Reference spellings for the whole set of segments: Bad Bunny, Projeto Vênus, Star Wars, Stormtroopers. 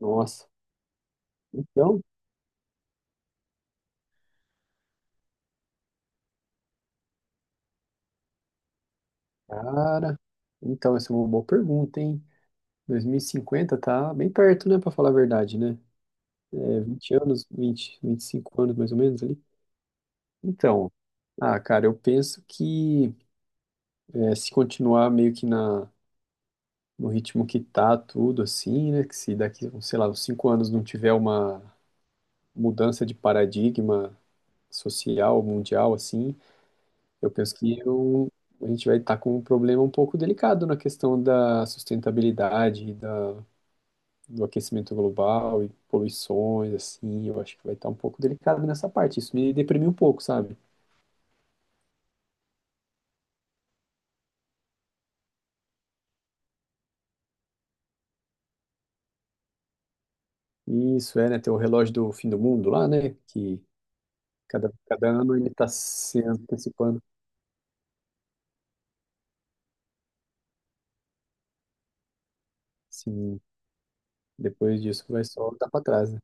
Nossa, então, cara, então essa é uma boa pergunta, hein? 2050 tá bem perto, né? Pra falar a verdade, né? É 20 anos, vinte, 25 anos mais ou menos ali. Então, ah, cara, eu penso que se continuar meio que na no ritmo que tá tudo assim, né, que se daqui, sei lá, uns 5 anos não tiver uma mudança de paradigma social, mundial assim. Eu penso que a gente vai estar com um problema um pouco delicado na questão da sustentabilidade, do aquecimento global e poluições, assim. Eu acho que vai estar um pouco delicado nessa parte. Isso me deprimiu um pouco, sabe? E isso é, né? Tem o relógio do fim do mundo lá, né? Que cada ano ele está se antecipando. Sim, depois disso vai só dar para trás, né?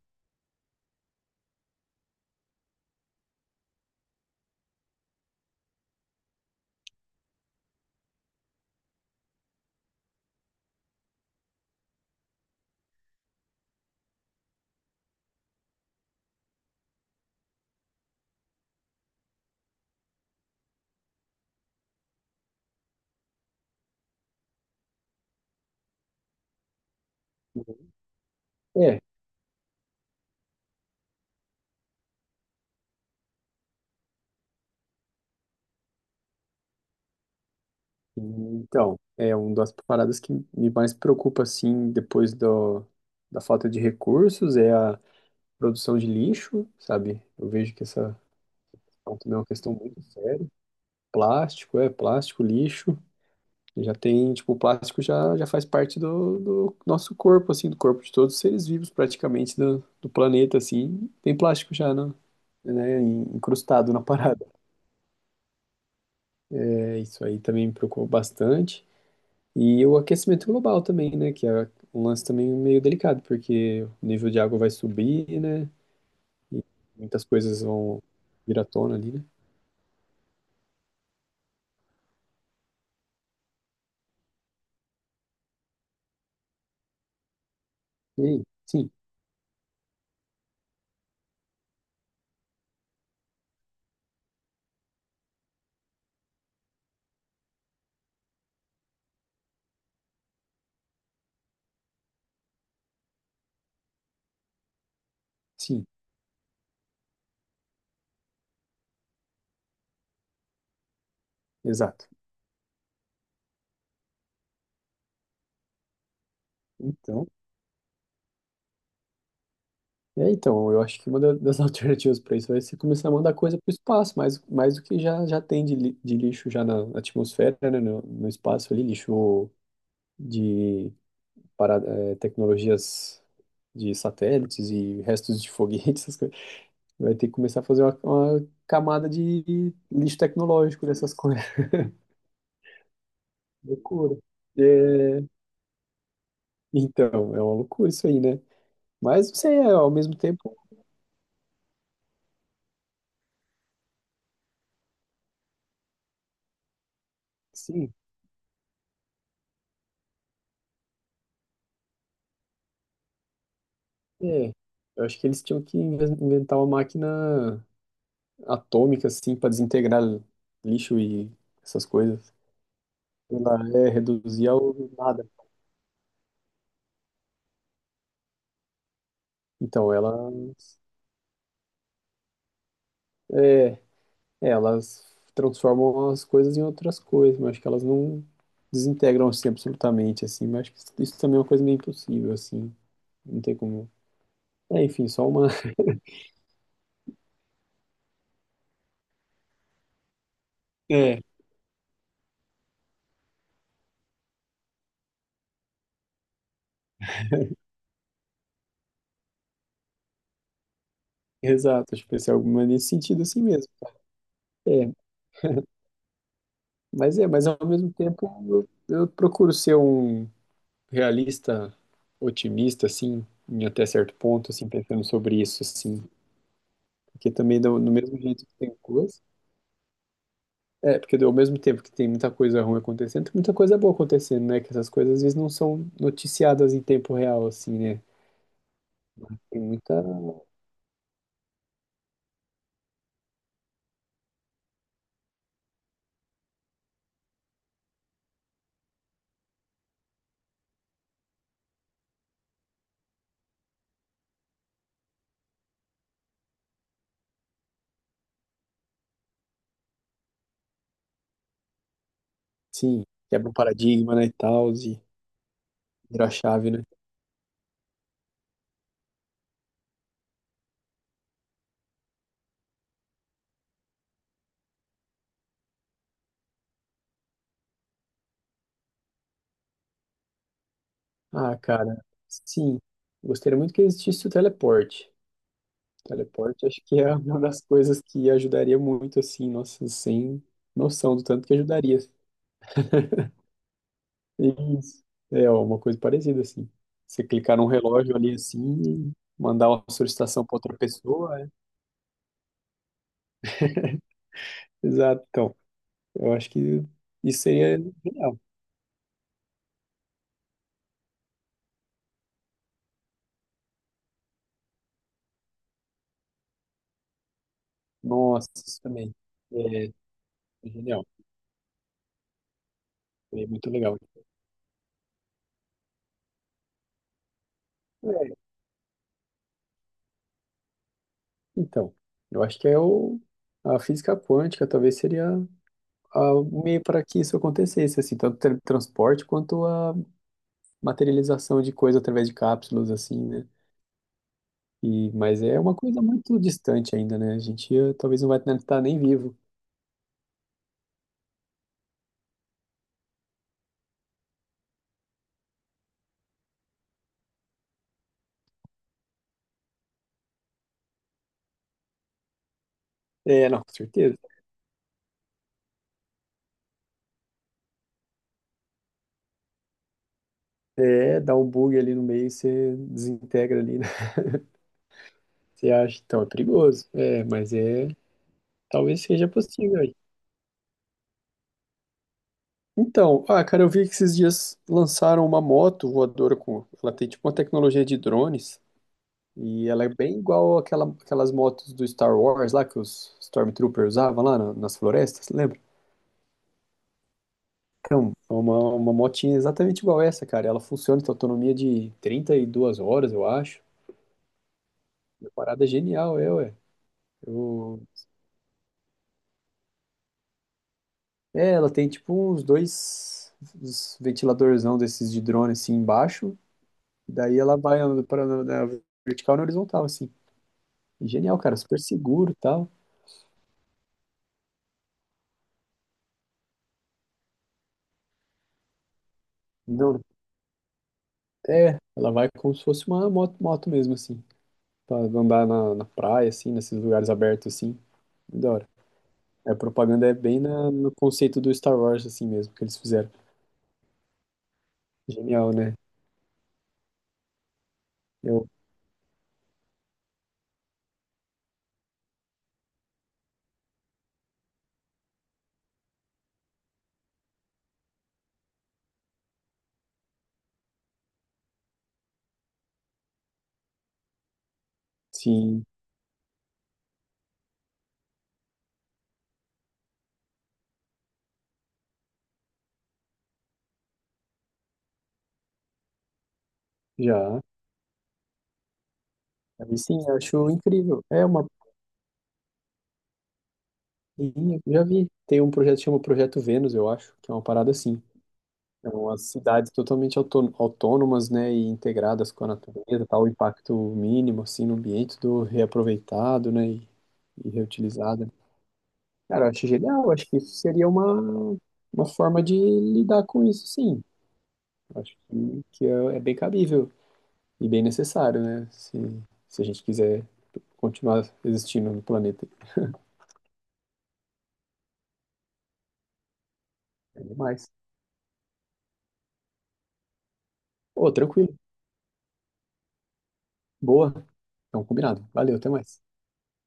É, então, é uma das paradas que me mais preocupa, assim, depois da falta de recursos, é a produção de lixo, sabe? Eu vejo que essa também é uma questão muito séria. Plástico, plástico, lixo. Já tem, tipo, o plástico já faz parte do nosso corpo, assim, do corpo de todos os seres vivos, praticamente, do planeta, assim. Tem plástico já, né, encrustado na parada. É, isso aí também me preocupa bastante. E o aquecimento global também, né, que é um lance também meio delicado, porque o nível de água vai subir, né, e muitas coisas vão vir à tona ali, né. E sim. Sim, exato. Então, então, eu acho que uma das alternativas para isso vai ser começar a mandar coisa para o espaço, mais do que já tem de lixo já na atmosfera, né, no espaço ali, lixo de para, tecnologias de satélites e restos de foguetes, essas coisas. Vai ter que começar a fazer uma camada de lixo tecnológico dessas coisas. Loucura. É, então, é uma loucura isso aí, né? Mas, não sei, ao mesmo tempo, sim. É, eu acho que eles tinham que inventar uma máquina atômica, assim, para desintegrar lixo e essas coisas. Ela é reduzir ao nada. Então, elas transformam as coisas em outras coisas, mas acho que elas não desintegram assim absolutamente, assim, mas acho que isso também é uma coisa meio impossível, assim. Não tem como... É, enfim, só uma... É, exato, acho que vai ser alguma nesse sentido assim mesmo. É, mas ao mesmo tempo eu procuro ser um realista, otimista, assim, em até certo ponto, assim, pensando sobre isso, assim. Porque também, do mesmo jeito que tem coisa. É, porque ao mesmo tempo que tem muita coisa ruim acontecendo, tem muita coisa boa acontecendo, né? Que essas coisas às vezes não são noticiadas em tempo real, assim, né? Tem muita. Sim, quebra um paradigma, né? E tal, e vira a chave, né? Ah, cara, sim. Gostaria muito que existisse o teleporte. Teleporte, acho que é uma das coisas que ajudaria muito, assim, nossa, sem noção do tanto que ajudaria. Isso. É ó, uma coisa parecida, assim. Você clicar num relógio ali, assim, mandar uma solicitação para outra pessoa, é. Exato. Então, eu acho que isso seria genial. Nossa, isso também. É, é genial. É muito legal. É, então, eu acho que a física quântica talvez seria o meio para que isso acontecesse, assim, tanto teletransporte quanto a materialização de coisa através de cápsulas, assim, né? E, mas é uma coisa muito distante ainda, né? A gente talvez não vai estar nem vivo. É, não, com certeza. É, dá um bug ali no meio, você desintegra ali, né? Você acha, então, é perigoso. É, mas talvez seja possível aí. Então, ah, cara, eu vi que esses dias lançaram uma moto voadora com, ela tem tipo uma tecnologia de drones e ela é bem igual àquela, aquelas motos do Star Wars lá que os Stormtroopers usavam lá nas florestas, lembra? Então, é uma motinha exatamente igual essa, cara. Ela funciona, com autonomia de 32 horas, eu acho. Uma parada é genial, é, ué. Eu... É, ela tem tipo uns ventiladorzão desses de drone assim embaixo. E daí ela vai para na vertical e na horizontal, assim. Genial, cara. Super seguro e tal. Não, é, ela vai como se fosse uma moto, moto mesmo, assim. Pra andar na praia, assim, nesses lugares abertos, assim. Da hora. É, a propaganda é bem no conceito do Star Wars, assim mesmo, que eles fizeram. Genial, né? Eu, sim, já. Aí sim, acho incrível. É uma. Já vi. Tem um projeto que chama Projeto Vênus, eu acho, que é uma parada assim. São as cidades totalmente autônomas, né, e integradas com a natureza, tal, o impacto mínimo, assim, no ambiente, do reaproveitado, né, e reutilizado. Cara, eu acho genial, eu acho que isso seria uma forma de lidar com isso, sim. Eu acho que é bem cabível. E bem necessário, né? Se a gente quiser continuar existindo no planeta. É demais. Pô, tranquilo. Boa. Então, combinado. Valeu, até mais.